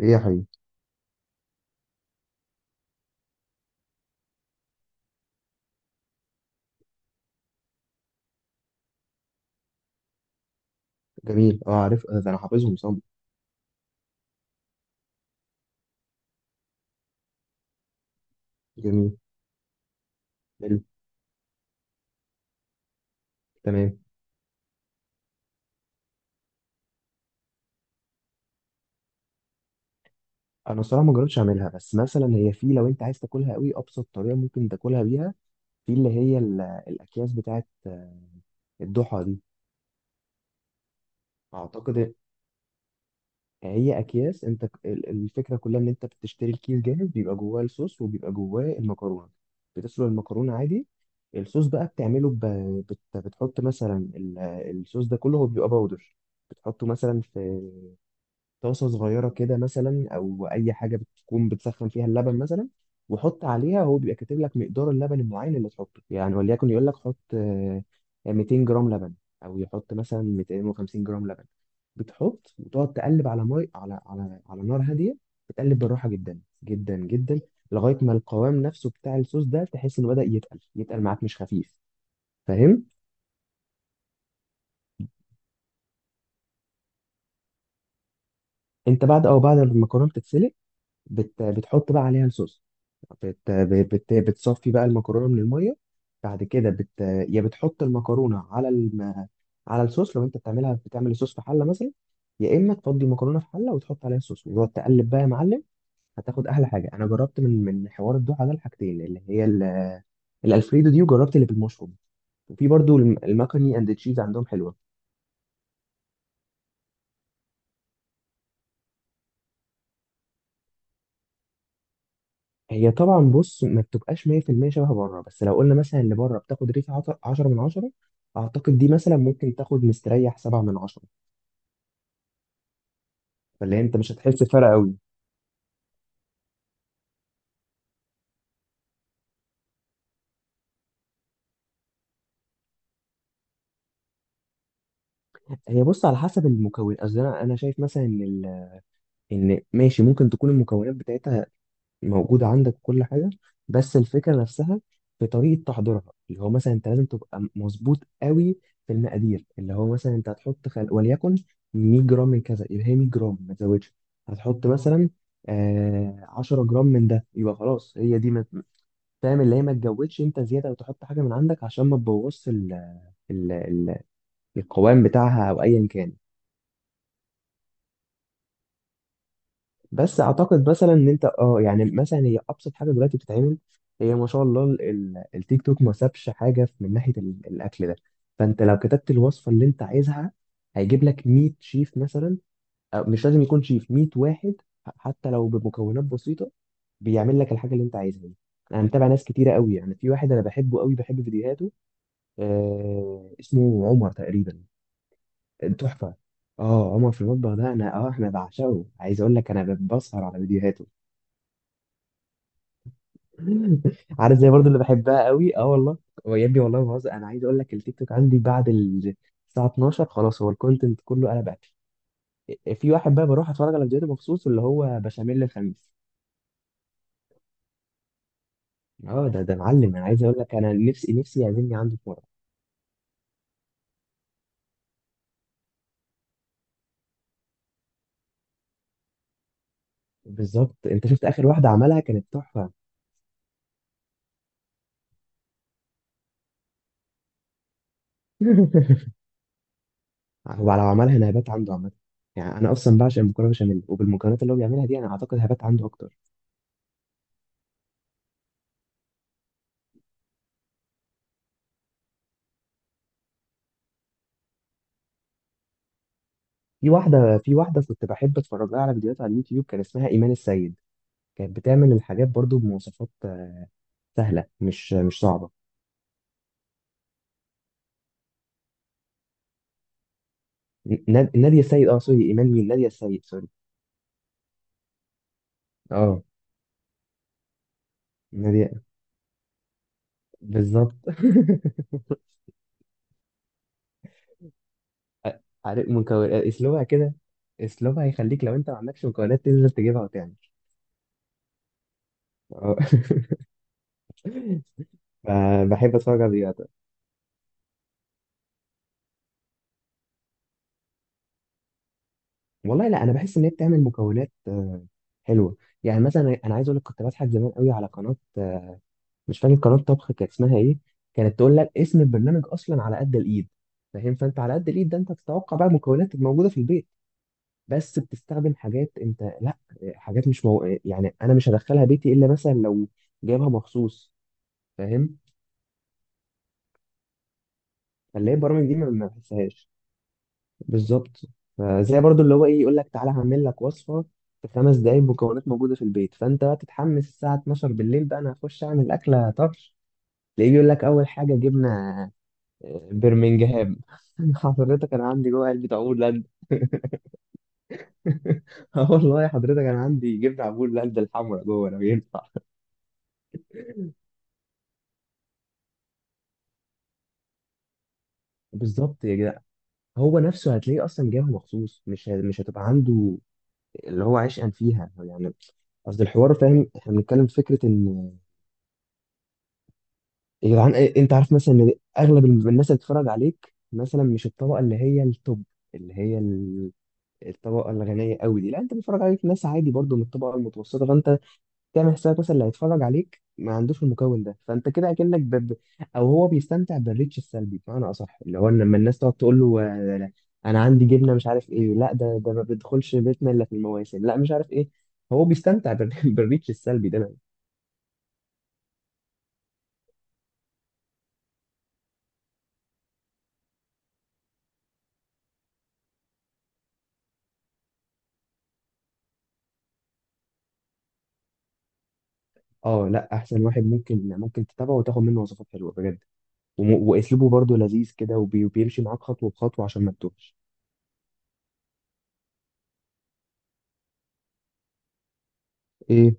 ايه يا حبيبي. جميل، اه عارف، ده انا حافظهم صم. جميل. حلو. تمام. انا الصراحه ما جربتش اعملها، بس مثلا هي، في لو انت عايز تاكلها قوي ابسط طريقه ممكن تاكلها بيها، في اللي هي ال- الاكياس بتاعت الضحى دي. اعتقد هي اكياس، انت ك- ال- الفكره كلها ان انت بتشتري الكيس جاهز، بيبقى جواه الصوص وبيبقى جواه المكرونه. بتسلق المكرونه عادي. الصوص بقى بتعمله بتحط مثلا ال- الصوص ده كله هو بيبقى باودر، بتحطه مثلا في طاسة صغيرة كده، مثلا أو أي حاجة بتكون بتسخن فيها اللبن مثلا، وحط عليها. هو بيبقى كاتب لك مقدار اللبن المعين اللي تحطه يعني، وليكن يقول لك حط 200 جرام لبن، أو يحط مثلا 250 جرام لبن. بتحط وتقعد تقلب على مي على على على نار هادية. بتقلب بالراحة جدا جدا جدا لغاية ما القوام نفسه بتاع الصوص ده تحس إنه بدأ يتقل، يتقل معاك، مش خفيف. فاهم؟ أنت بعد ما المكرونة بتتسلق، بتحط بقى عليها الصوص. بتصفي بقى المكرونه من الميه، بعد كده يا بتحط المكرونه على على الصوص لو انت بتعملها، بتعمل الصوص في حله مثلا، يا اما تفضي المكرونه في حله وتحط عليها الصوص، وتقعد تقلب بقى يا معلم. هتاخد احلى حاجه. انا جربت من حوار الدوحه ده الحاجتين، اللي هي ال... الالفريدو دي، وجربت اللي بالمشروم، وفي برضو الم- المكروني اند تشيز عندهم حلوه. هي طبعا، بص، ما بتبقاش 100% شبه بره، بس لو قلنا مثلا اللي بره بتاخد ريت 10 من 10، اعتقد دي مثلا ممكن تاخد مستريح 7 من 10. فاللي انت مش هتحس فرق قوي. هي، بص، على حسب المكون. قصدي انا شايف مثلا ان ال- ان ماشي، ممكن تكون المكونات بتاعتها موجودة عندك كل حاجة، بس الفكرة نفسها في طريقة تحضيرها، اللي هو مثلا انت لازم تبقى مظبوط قوي في المقادير. اللي هو مثلا انت هتحط وليكن 100 جرام من كذا، يبقى هي 100 جرام، ما تزودش. هتحط مثلا آه 10 جرام من ده، يبقى خلاص هي دي ما... فاهم؟ اللي هي ما تجودش انت زيادة وتحط حاجة من عندك عشان ما تبوظش ال... القوام بتاعها او ايا كان. بس اعتقد مثلا ان انت اه يعني، مثلا هي ابسط حاجه دلوقتي بتتعمل. هي ما شاء الله ال- ال- التيك توك ما سابش حاجه في- من ناحيه ال- الاكل ده. فانت لو كتبت الوصفه اللي انت عايزها، هيجيب لك 100 شيف مثلا، أو مش لازم يكون شيف 100 واحد، ح- حتى لو بمكونات بسيطه بيعمل لك الحاجه اللي انت عايزها دي. انا متابع ناس كتيره قوي، يعني في واحد انا بحبه قوي، بحب فيديوهاته، آه اسمه عمر تقريبا. تحفه. اه عمر في المطبخ ده، انا اه احنا بعشقه. عايز اقول لك، انا بسهر على فيديوهاته. عارف، زي برضو اللي بحبها قوي، اه والله. هو يا ابني والله ما بهزر، انا عايز اقول لك التيك توك عندي بعد ال- الساعه 12 خلاص، هو الكونتنت كله. انا بقى في واحد بقى بروح اتفرج على فيديوهاته مخصوص، اللي هو بشاميل الخميس. اه ده، ده معلم. انا عايز اقول لك، انا نفسي يعزمني عنده في مره. بالظبط، انت شفت اخر واحده عملها، كانت تحفه. هو لو عملها انا هبات عنده عامه، يعني انا اصلا بعشق المكرونه بشاميل، وبالمكونات اللي هو بيعملها دي انا اعتقد هبات عنده اكتر. في واحده كنت بحب اتفرج لها على فيديوهات على اليوتيوب، كان اسمها ايمان السيد. كانت بتعمل الحاجات برضو بمواصفات سهله، مش صعبه. نا- ناديه السيد، اه سوري، ايمان مين، ناديه السيد، سوري. اه ناديه، بالظبط. عارف مكون اسلوبها كده، اسلوبها هيخليك لو انت ما عندكش مكونات تنزل تجيبها وتعمل. اه. فبحب اتفرج على فيديوهات. والله لا انا بحس ان هي بتعمل مكونات حلوه. يعني مثلا انا عايز اقول لك، كنت بضحك زمان قوي على قناه، مش فاكر قناه طبخ كانت اسمها ايه، كانت تقول لك اسم البرنامج اصلا على قد الايد. فاهم؟ فانت على قد الايد ده انت بتتوقع بقى المكونات الموجوده في البيت، بس بتستخدم حاجات انت لا، حاجات مش يعني انا مش هدخلها بيتي الا مثلا لو جايبها مخصوص. فاهم؟ فاللي هي البرامج دي ما بحسهاش. بالظبط. فزي برضو اللي هو ايه، يقول لك تعالى هعمل لك وصفه في 5 دقايق، مكونات موجوده في البيت، فانت بقى تتحمس الساعه 12 بالليل بقى، انا هخش اعمل اكله طرش، تلاقيه بيقول لك اول حاجه جبنه برمنجهام. حضرتك انا عندي جوه علبه عبور لاند. اه والله حضرتك انا عندي جبنه عبور لاند الحمراء جوه لو ينفع. بالظبط يا جدع. هو نفسه هتلاقيه اصلا جاي مخصوص، مش ه- مش هتبقى عنده اللي هو عشقا فيها يعني. قصد الحوار، فاهم، احنا بنتكلم في فكره ان، يا جدعان إيه- انت عارف مثلا ان اغلب الم- الناس اللي بتتفرج عليك مثلا، مش الطبقه اللي هي التوب، اللي هي ال- الطبقه الغنيه قوي دي، لا انت بتتفرج عليك ناس عادي برضو من الطبقه المتوسطه. فانت تعمل حسابك مثلا اللي هيتفرج عليك ما عندوش المكون ده، فانت كده اكنك او هو بيستمتع بالريتش السلبي، بمعنى اصح اللي هو لما الناس تقعد تقول له لا، انا عندي جبنه مش عارف ايه، لا ده ده ما بيدخلش بيتنا الا في المواسم، لا مش عارف ايه. هو بيستمتع بالريتش السلبي ده. اه لا، احسن واحد ممكن تتابعه وتاخد منه وصفات حلوه بجد، واسلوبه برضه لذيذ كده، وبيمشي معاك خطوه بخطوه عشان ما تتوهش. ايه.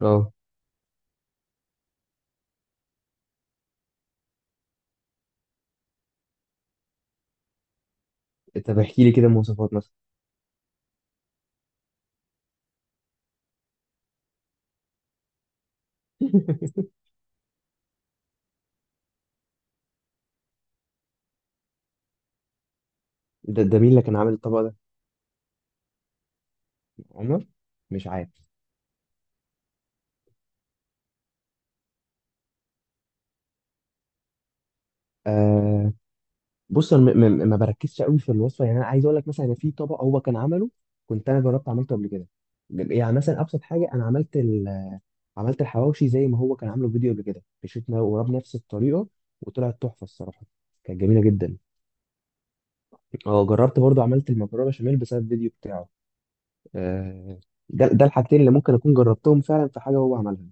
اه طب احكي لي كده مواصفات مثلا. ده ده مين اللي كان عامل الطبق ده؟ عمر؟ مش عارف. آه، بص انا ما بركزش قوي في الوصفه. يعني انا عايز اقول لك، مثلا أنا في طبق هو كان عمله، كنت انا جربت عملته قبل كده. يعني مثلا ابسط حاجه، انا عملت عملت الحواوشي زي ما هو كان عامله في فيديو قبل كده، مشيتنا وراه بنفس الطريقه، وطلعت تحفه الصراحه، كانت جميله جدا. اه جربت برضه عملت المكرونه بشاميل بسبب الفيديو بتاعه. آه، ده ده الحاجتين اللي ممكن اكون جربتهم فعلا في حاجه هو عملها.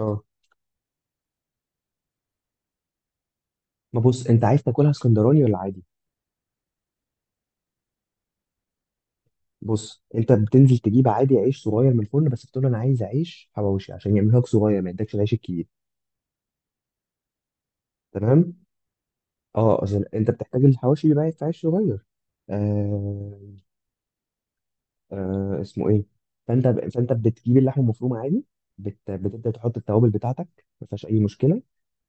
اه. ما بص، انت عايز تاكلها اسكندراني ولا عادي؟ بص انت بتنزل تجيب عادي عيش صغير من الفرن، بس بتقول انا عايز عيش حواوشي عشان يعملها لك صغير، ما يدكش العيش الكبير. تمام. اه اصل انت بتحتاج الحواوشي بيبقى في عيش صغير. آه. آه اسمه ايه. فانت بتجيب اللحمه المفرومه عادي، بتبدا تحط التوابل بتاعتك، ما فيهاش اي مشكله.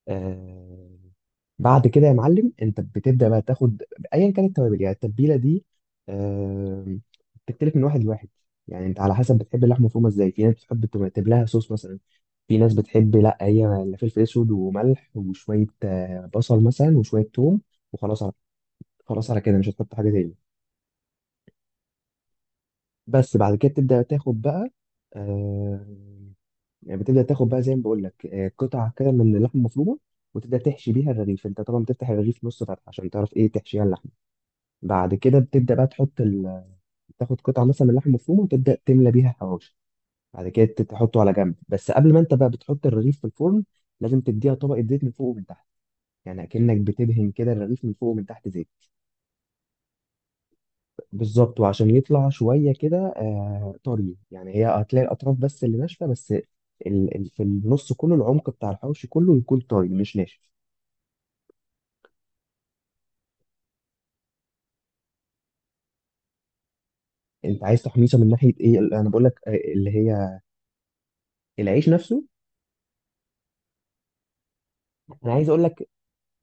آه. بعد كده يا معلم، انت بتبدا بقى تاخد، ايا كانت التوابل، يعني التتبيله دي آه... بتختلف من واحد لواحد، يعني انت على حسب بتحب اللحمه مفرومه ازاي. في ناس بتحب تكتب لها صوص مثلا، في ناس بتحب لا، هي لا فلفل اسود وملح، وشويه بصل مثلا، وشويه توم، وخلاص على، خلاص على كده مش هتحط حاجه تاني. بس بعد كده تبدا تاخد بقى آه... يعني بتبدا تاخد بقى زي ما بقول لك قطع كده من اللحمه المفرومه، وتبدا تحشي بيها الرغيف. انت طبعا بتفتح الرغيف نص فتحه عشان تعرف ايه تحشيها اللحمه. بعد كده بتبدأ بقى تحط تاخد قطعة مثلا من اللحمة المفرومة وتبدأ تملى بيها حواوشي. بعد كده ت- تحطه على جنب. بس قبل ما انت بقى بتحط الرغيف في الفرن، لازم تديها طبقة زيت من فوق ومن تحت، يعني أكنك بتدهن كده الرغيف من فوق ومن تحت زيت. بالظبط، وعشان يطلع شوية كده آه طري يعني، هي هتلاقي الأطراف بس اللي ناشفة بس، في النص كله العمق بتاع الحواوشي كله يكون طري مش ناشف. انت عايز تحميصه من ناحية ايه؟ انا بقول لك اللي هي العيش نفسه. انا عايز اقول لك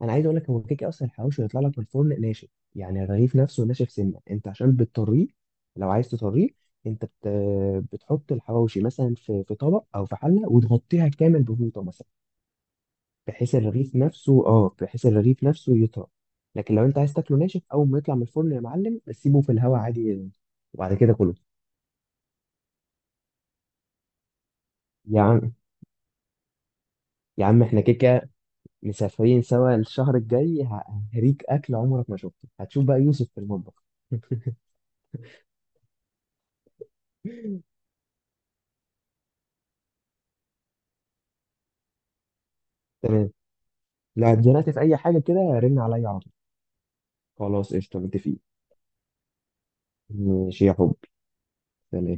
انا عايز اقول لك هو كيكه اصلا الحواوشي يطلع لك من الفرن ناشف، يعني الرغيف نفسه ناشف سنه. انت عشان بتطريه، لو عايز تطريه، انت بتحط الحواوشي مثلا في طبق او في حله وتغطيها كامل بفوطه مثلا، بحيث الرغيف نفسه اه، بحيث الرغيف نفسه يطرى. لكن لو انت عايز تاكله ناشف، اول ما يطلع من الفرن يا معلم سيبه في الهواء عادي، وبعد كده كله. يا عم يا عم احنا كيكه، مسافرين سوا الشهر الجاي، ه- هريك اكل عمرك ما شفته، هتشوف بقى يوسف في المطبخ. تمام. لا اتزنقت في اي حاجه كده رن عليا على طول. خلاص قشطه، متفقين. ماشي يا حبي. سلام.